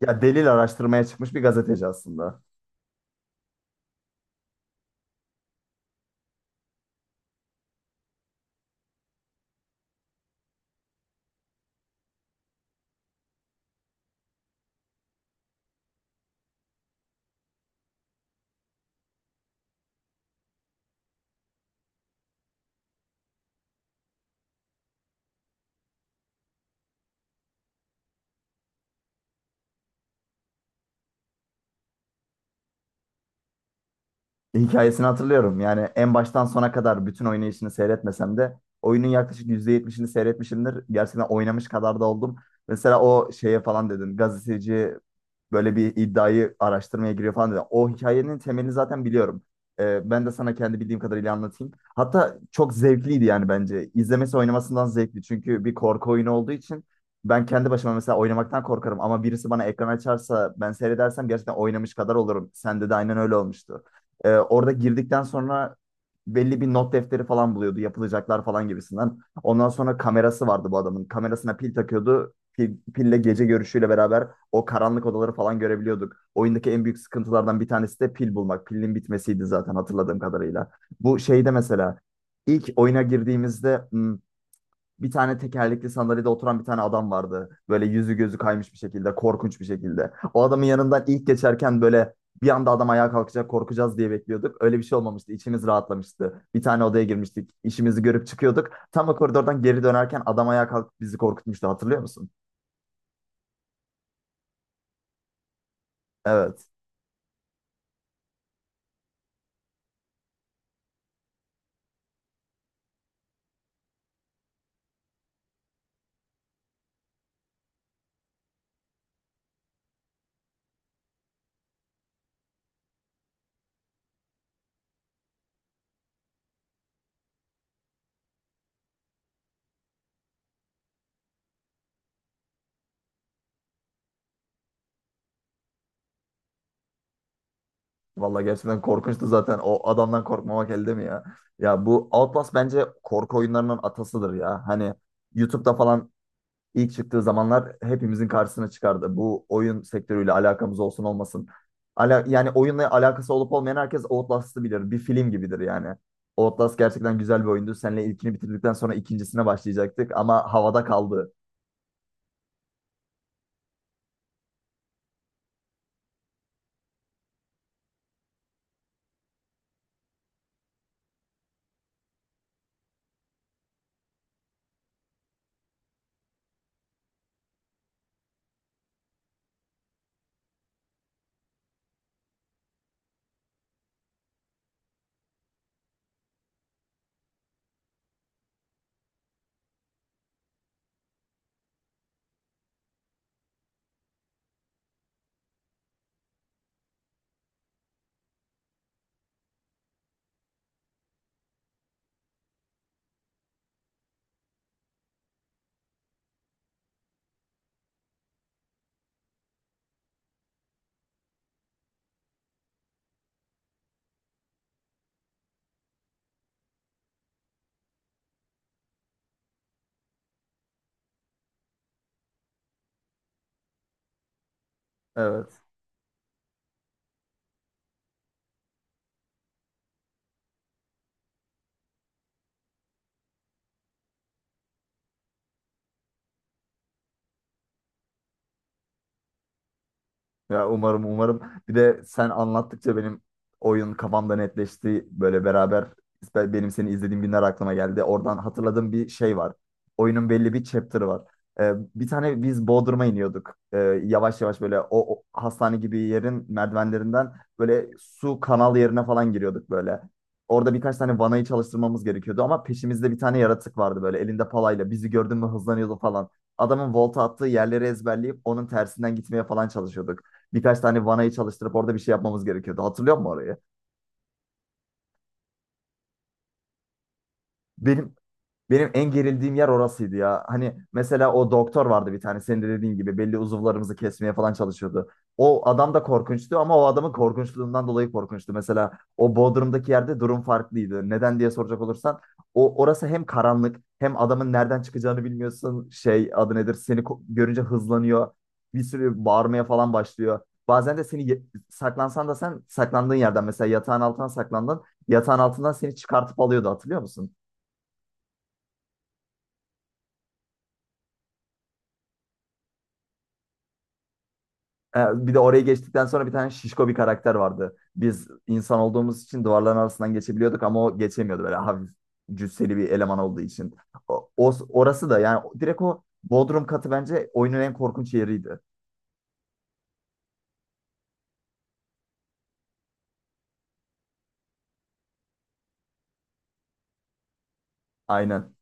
Ya delil araştırmaya çıkmış bir gazeteci aslında. Hikayesini hatırlıyorum. Yani en baştan sona kadar bütün oynayışını seyretmesem de oyunun yaklaşık %70'ini seyretmişimdir. Gerçekten oynamış kadar da oldum. Mesela o şeye falan dedin. Gazeteci böyle bir iddiayı araştırmaya giriyor falan dedi. O hikayenin temelini zaten biliyorum. Ben de sana kendi bildiğim kadarıyla anlatayım. Hatta çok zevkliydi yani bence. İzlemesi oynamasından zevkli. Çünkü bir korku oyunu olduğu için ben kendi başıma mesela oynamaktan korkarım. Ama birisi bana ekran açarsa ben seyredersem gerçekten oynamış kadar olurum. Sende de aynen öyle olmuştu. Orada girdikten sonra belli bir not defteri falan buluyordu. Yapılacaklar falan gibisinden. Ondan sonra kamerası vardı bu adamın. Kamerasına pil takıyordu. Pille gece görüşüyle beraber o karanlık odaları falan görebiliyorduk. Oyundaki en büyük sıkıntılardan bir tanesi de pil bulmak. Pilin bitmesiydi zaten hatırladığım kadarıyla. Bu şeyde mesela ilk oyuna girdiğimizde bir tane tekerlekli sandalyede oturan bir tane adam vardı. Böyle yüzü gözü kaymış bir şekilde, korkunç bir şekilde. O adamın yanından ilk geçerken böyle bir anda adam ayağa kalkacak, korkacağız diye bekliyorduk. Öyle bir şey olmamıştı. İçimiz rahatlamıştı. Bir tane odaya girmiştik. İşimizi görüp çıkıyorduk. Tam o koridordan geri dönerken adam ayağa kalkıp bizi korkutmuştu. Hatırlıyor musun? Evet. Vallahi gerçekten korkunçtu zaten. O adamdan korkmamak elde mi ya? Ya bu Outlast bence korku oyunlarının atasıdır ya. Hani YouTube'da falan ilk çıktığı zamanlar hepimizin karşısına çıkardı. Bu oyun sektörüyle alakamız olsun olmasın. Ala yani oyunla alakası olup olmayan herkes Outlast'ı bilir. Bir film gibidir yani. Outlast gerçekten güzel bir oyundu. Seninle ilkini bitirdikten sonra ikincisine başlayacaktık ama havada kaldı. Evet. Ya umarım umarım. Bir de sen anlattıkça benim oyun kafamda netleşti. Böyle beraber benim seni izlediğim günler aklıma geldi. Oradan hatırladığım bir şey var. Oyunun belli bir chapter'ı var. Bir tane biz Bodrum'a iniyorduk. Yavaş yavaş böyle o hastane gibi yerin merdivenlerinden böyle su kanal yerine falan giriyorduk böyle. Orada birkaç tane vanayı çalıştırmamız gerekiyordu ama peşimizde bir tane yaratık vardı böyle elinde palayla. Bizi gördün mü hızlanıyordu falan. Adamın volta attığı yerleri ezberleyip onun tersinden gitmeye falan çalışıyorduk. Birkaç tane vanayı çalıştırıp orada bir şey yapmamız gerekiyordu. Hatırlıyor musun orayı? Benim Benim en gerildiğim yer orasıydı ya. Hani mesela o doktor vardı bir tane senin de dediğin gibi belli uzuvlarımızı kesmeye falan çalışıyordu. O adam da korkunçtu ama o adamın korkunçluğundan dolayı korkunçtu. Mesela o Bodrum'daki yerde durum farklıydı. Neden diye soracak olursan orası hem karanlık hem adamın nereden çıkacağını bilmiyorsun. Şey adı nedir? Görünce hızlanıyor. Bir sürü bağırmaya falan başlıyor. Bazen de saklansan da sen saklandığın yerden mesela yatağın altına saklandın. Yatağın altından seni çıkartıp alıyordu hatırlıyor musun? Ha, bir de orayı geçtikten sonra bir tane şişko bir karakter vardı. Biz insan olduğumuz için duvarların arasından geçebiliyorduk ama o geçemiyordu böyle hafif cüsseli bir eleman olduğu için. Orası da yani direkt o Bodrum katı bence oyunun en korkunç yeriydi. Aynen.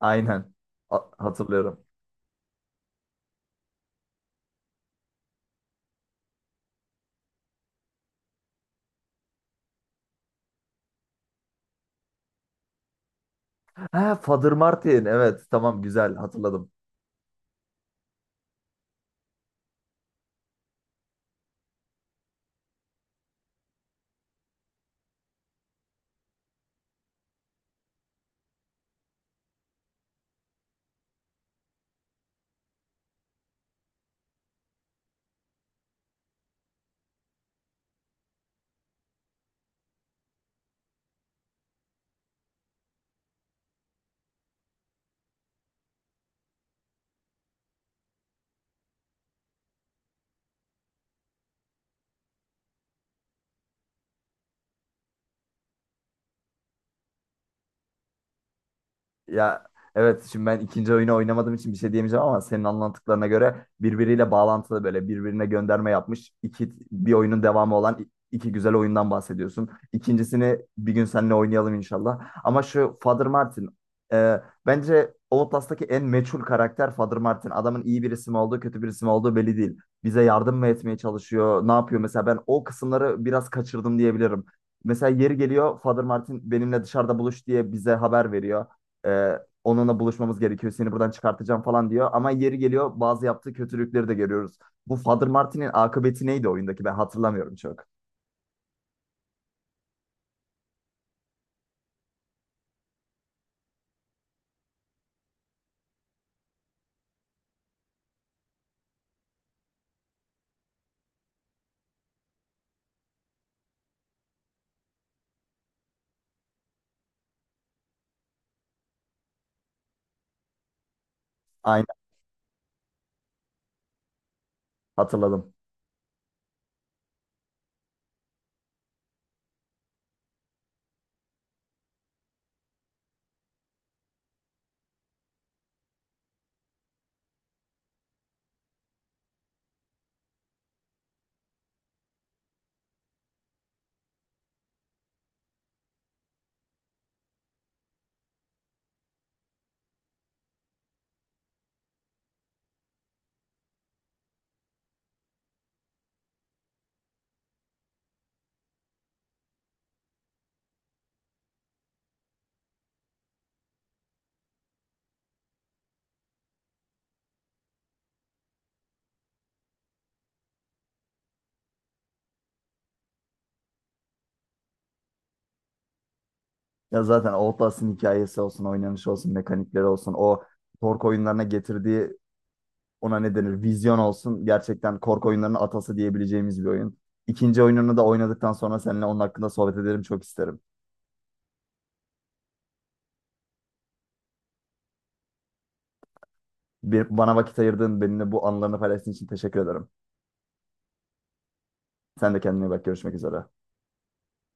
Aynen. Hatırlıyorum. Ha, Father Martin. Evet, tamam güzel hatırladım. Ya evet şimdi ben ikinci oyunu oynamadığım için bir şey diyemeyeceğim ama senin anlattıklarına göre birbiriyle bağlantılı böyle birbirine gönderme yapmış bir oyunun devamı olan iki güzel oyundan bahsediyorsun. İkincisini bir gün seninle oynayalım inşallah. Ama şu Father Martin e, bence Outlast'taki en meçhul karakter Father Martin. Adamın iyi bir isim olduğu kötü bir isim olduğu belli değil. Bize yardım mı etmeye çalışıyor? Ne yapıyor? Mesela ben o kısımları biraz kaçırdım diyebilirim. Mesela yeri geliyor Father Martin benimle dışarıda buluş diye bize haber veriyor. Ee, Onunla buluşmamız gerekiyor. Seni buradan çıkartacağım falan diyor. Ama yeri geliyor bazı yaptığı kötülükleri de görüyoruz. Bu Father Martin'in akıbeti neydi oyundaki? Ben hatırlamıyorum çok. Aynen hatırladım. Ya zaten Outlast'ın hikayesi olsun, oynanışı olsun, mekanikleri olsun. O korku oyunlarına getirdiği ona ne denir? Vizyon olsun. Gerçekten korku oyunlarının atası diyebileceğimiz bir oyun. İkinci oyununu da oynadıktan sonra seninle onun hakkında sohbet ederim çok isterim. Bir, bana vakit ayırdığın benimle bu anılarını paylaştığın için teşekkür ederim. Sen de kendine iyi bak. Görüşmek üzere.